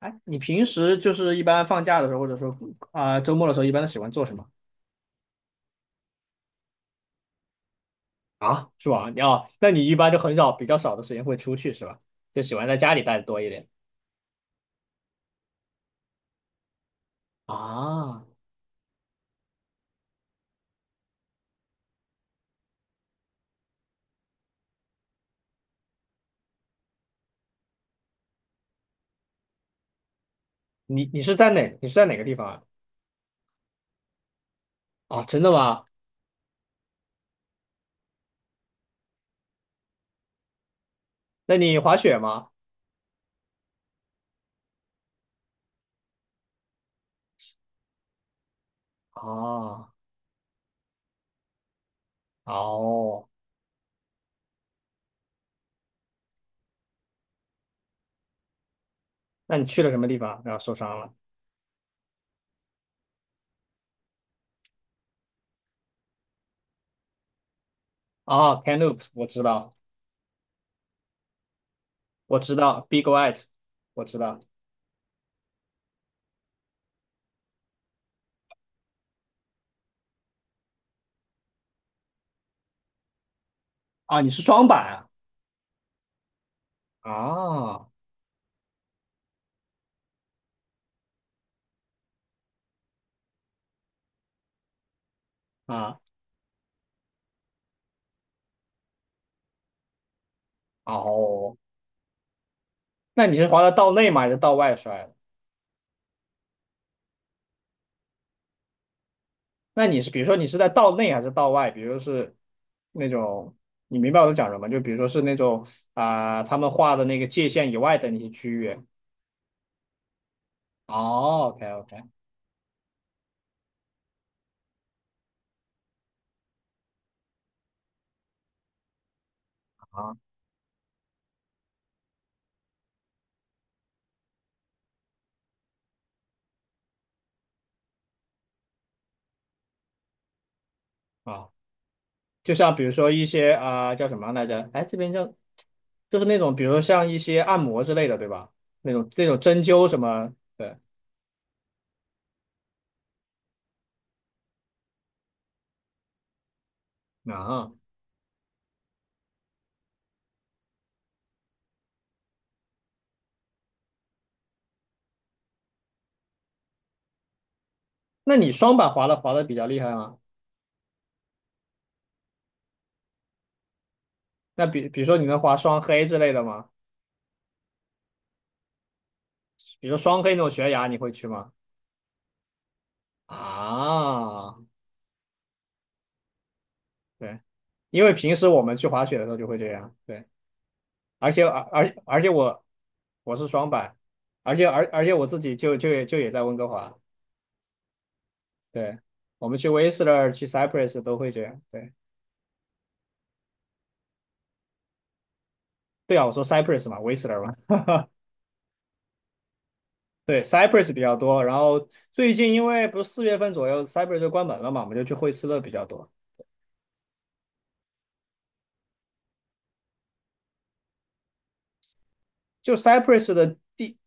哎，你平时就是一般放假的时候，或者说啊、周末的时候，一般都喜欢做什么？啊，是吧？你，哦，那你一般就很少，比较少的时间会出去是吧？就喜欢在家里待的多一点啊。你是在哪？你是在哪个地方啊？啊，真的吗？那你滑雪吗？哦，哦，那你去了什么地方？然后受伤了？哦，Canoes,我知道，我知道，Big White,我知道。啊，你是双板啊？啊，啊，哦，那你是滑到道内吗？还是道外摔？那你是比如说你是在道内还是道外？比如是那种，你明白我在讲什么？就比如说是那种啊、他们画的那个界限以外的那些区域。哦OK OK 啊，啊，就像比如说一些啊、叫什么来着？哎，这边叫就是那种比如说像一些按摩之类的，对吧？那种针灸什么对。啊？那你双板滑的比较厉害吗？那比如说你能滑双黑之类的吗？比如说双黑那种悬崖，你会去吗？啊，对，因为平时我们去滑雪的时候就会这样，对，而且我是双板，而且我自己就也在温哥华，对，我们去 w 斯勒去 Cypress 都会这样，对，对啊，我说 Cypress 嘛， w 斯勒嘛，对， Cypress 比较多，然后最近因为不是四月份左右 Cypress 就关门了嘛，我们就去惠斯勒比较多，就 Cypress 的地，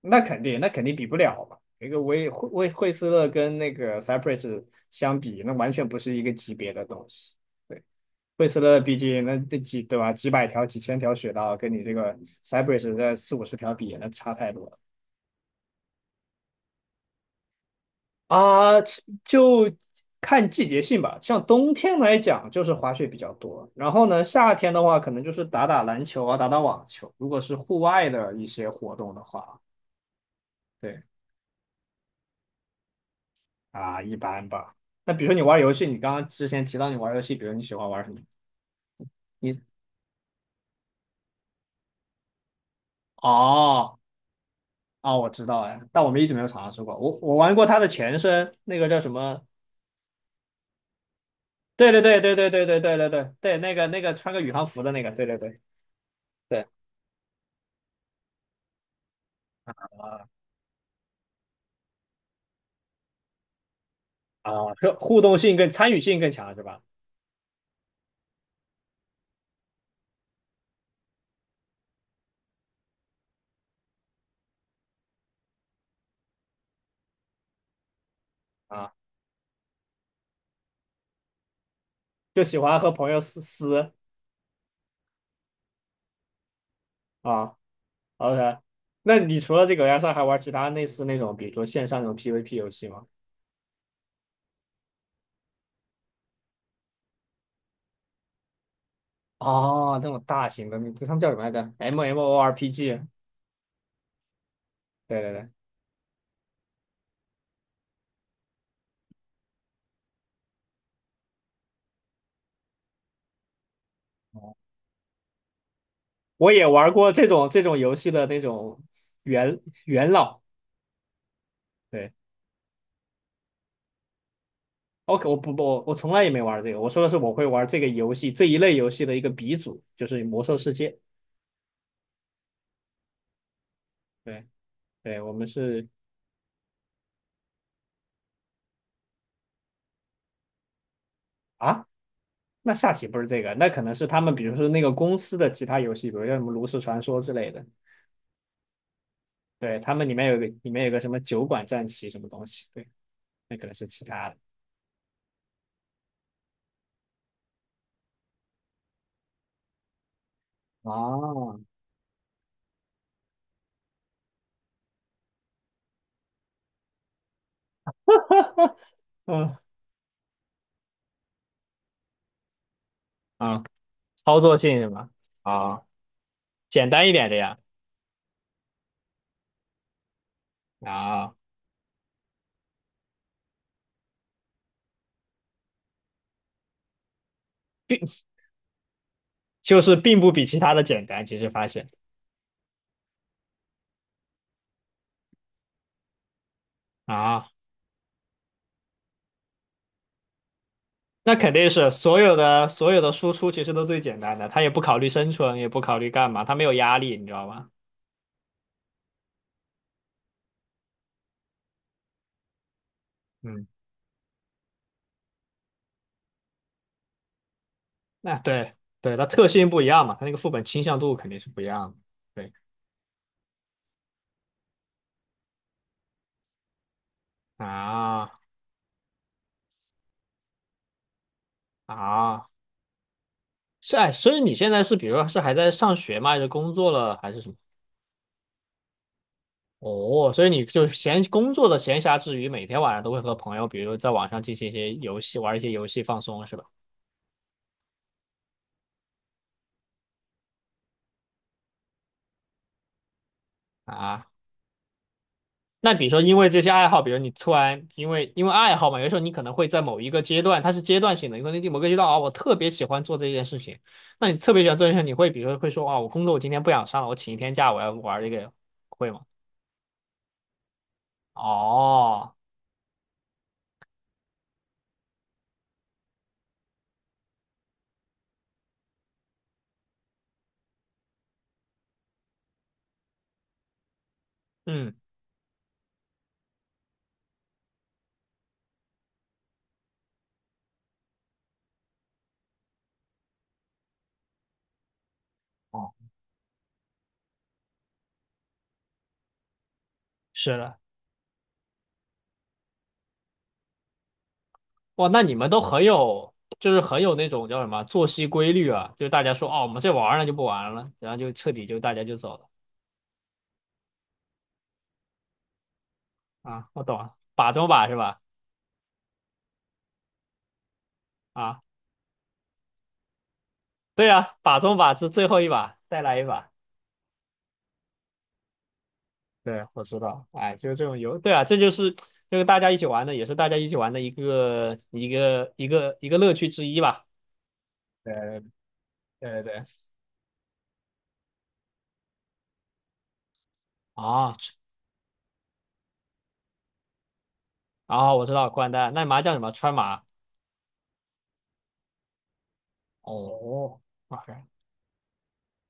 那肯定比不了嘛。一个威惠惠惠斯勒跟那个 Cypress 相比，那完全不是一个级别的东西。对，惠斯勒毕竟那几对吧，几百条、几千条雪道，跟你这个 Cypress 在四五十条比，那差太多了啊。就看季节性吧，像冬天来讲就是滑雪比较多，然后呢，夏天的话可能就是打打篮球啊，打打网球。如果是户外的一些活动的话，对啊，一般吧。那比如说你玩游戏，你刚刚之前提到你玩游戏，比如你喜欢玩什么？你，哦，哦，我知道哎，但我们一直没有尝试过。我玩过它的前身，那个叫什么？对，对，对，对，对，对，对，对，对，对，对，那个那个穿个宇航服的那个，对，对，对，对啊，啊，是互动性更参与性更强是吧？啊，就喜欢和朋友撕撕。啊，OK。那你除了这个 S 二还玩其他类似那种，比如说线上那种 PVP 游戏吗？哦，那种大型的，那他们叫什么来着？MMORPG。对，对，对，我也玩过这种游戏的那种元老。对。OK,我不，我从来也没玩这个。我说的是我会玩这个游戏这一类游戏的一个鼻祖，就是《魔兽世界》。对，对，我们是啊，那下棋不是这个，那可能是他们，比如说那个公司的其他游戏，比如像什么炉石传说之类的。对，他们里面有个什么酒馆战棋什么东西，对，那可能是其他的。哦，嗯，啊，操作性是吧？啊，简单一点的呀。啊，就是并不比其他的简单，其实发现啊。那肯定是所有的输出其实都最简单的，他也不考虑生存，也不考虑干嘛，他没有压力，你知道吗？嗯，那对，对，他特性不一样嘛，他那个副本倾向度肯定是不一样的。对啊，啊，是哎，所以你现在是比如说是还在上学吗？还是工作了还是什么？哦，所以你就闲工作的闲暇之余，每天晚上都会和朋友，比如在网上进行一些游戏，玩一些游戏放松，是吧？啊，那比如说，因为这些爱好，比如你突然因为爱好嘛，有时候你可能会在某一个阶段，它是阶段性的，有可能某个阶段啊，我特别喜欢做这件事情，那你特别喜欢做这件事情，你会比如说会说啊，我工作我今天不想上了，我请一天假，我要玩这个，会吗？哦，嗯，哦，是的，哇，那你们都很有，就是很有那种叫什么作息规律啊，就是大家说哦，我们这玩儿了就不玩了，然后就彻底就大家就走了。啊，我懂了，把中把是吧？啊，对呀，把中把是最后一把，再来一把。对，我知道，哎，就是这种游，对啊，这就是这个大家一起玩的，也是大家一起玩的一个乐趣之一吧。对，对，对，对，啊，啊，我知道掼蛋，那麻将什么川麻？哦，OK,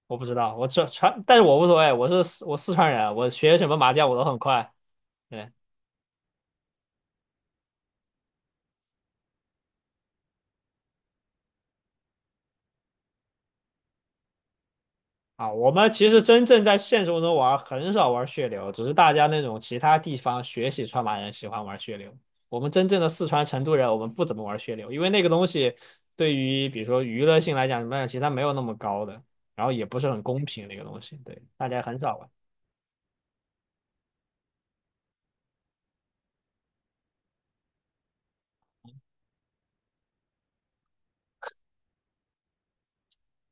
我不知道，我这川，但是我无所谓，我是四川人，我学什么麻将我都很快。对。啊，我们其实真正在现实中玩很少玩血流，只是大家那种其他地方学习川麻人喜欢玩血流。我们真正的四川成都人，我们不怎么玩血流，因为那个东西对于比如说娱乐性来讲什么的其实它没有那么高的，然后也不是很公平那个东西，对，大家很少玩。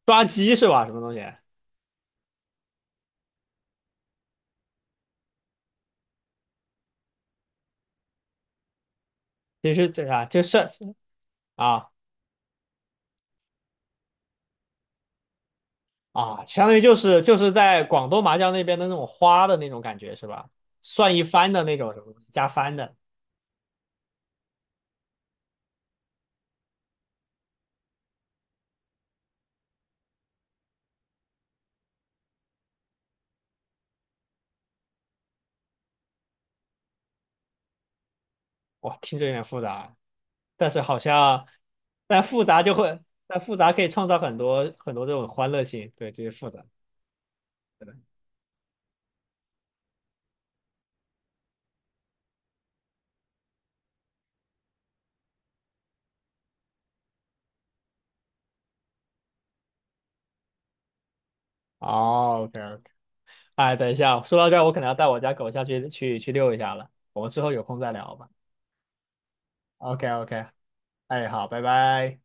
抓鸡是吧？什么东西？其实这啥就是啊，啊，相当于就是在广东麻将那边的那种花的那种感觉是吧？算一番的那种什么东西加番的，哇，听着有点复杂。但是好像，但复杂就会，但复杂可以创造很多很多这种欢乐性，对，这些复杂。哦OK OK。哎，等一下，说到这儿，我可能要带我家狗下去遛一下了，我们之后有空再聊吧。OK OK，哎，好，拜拜。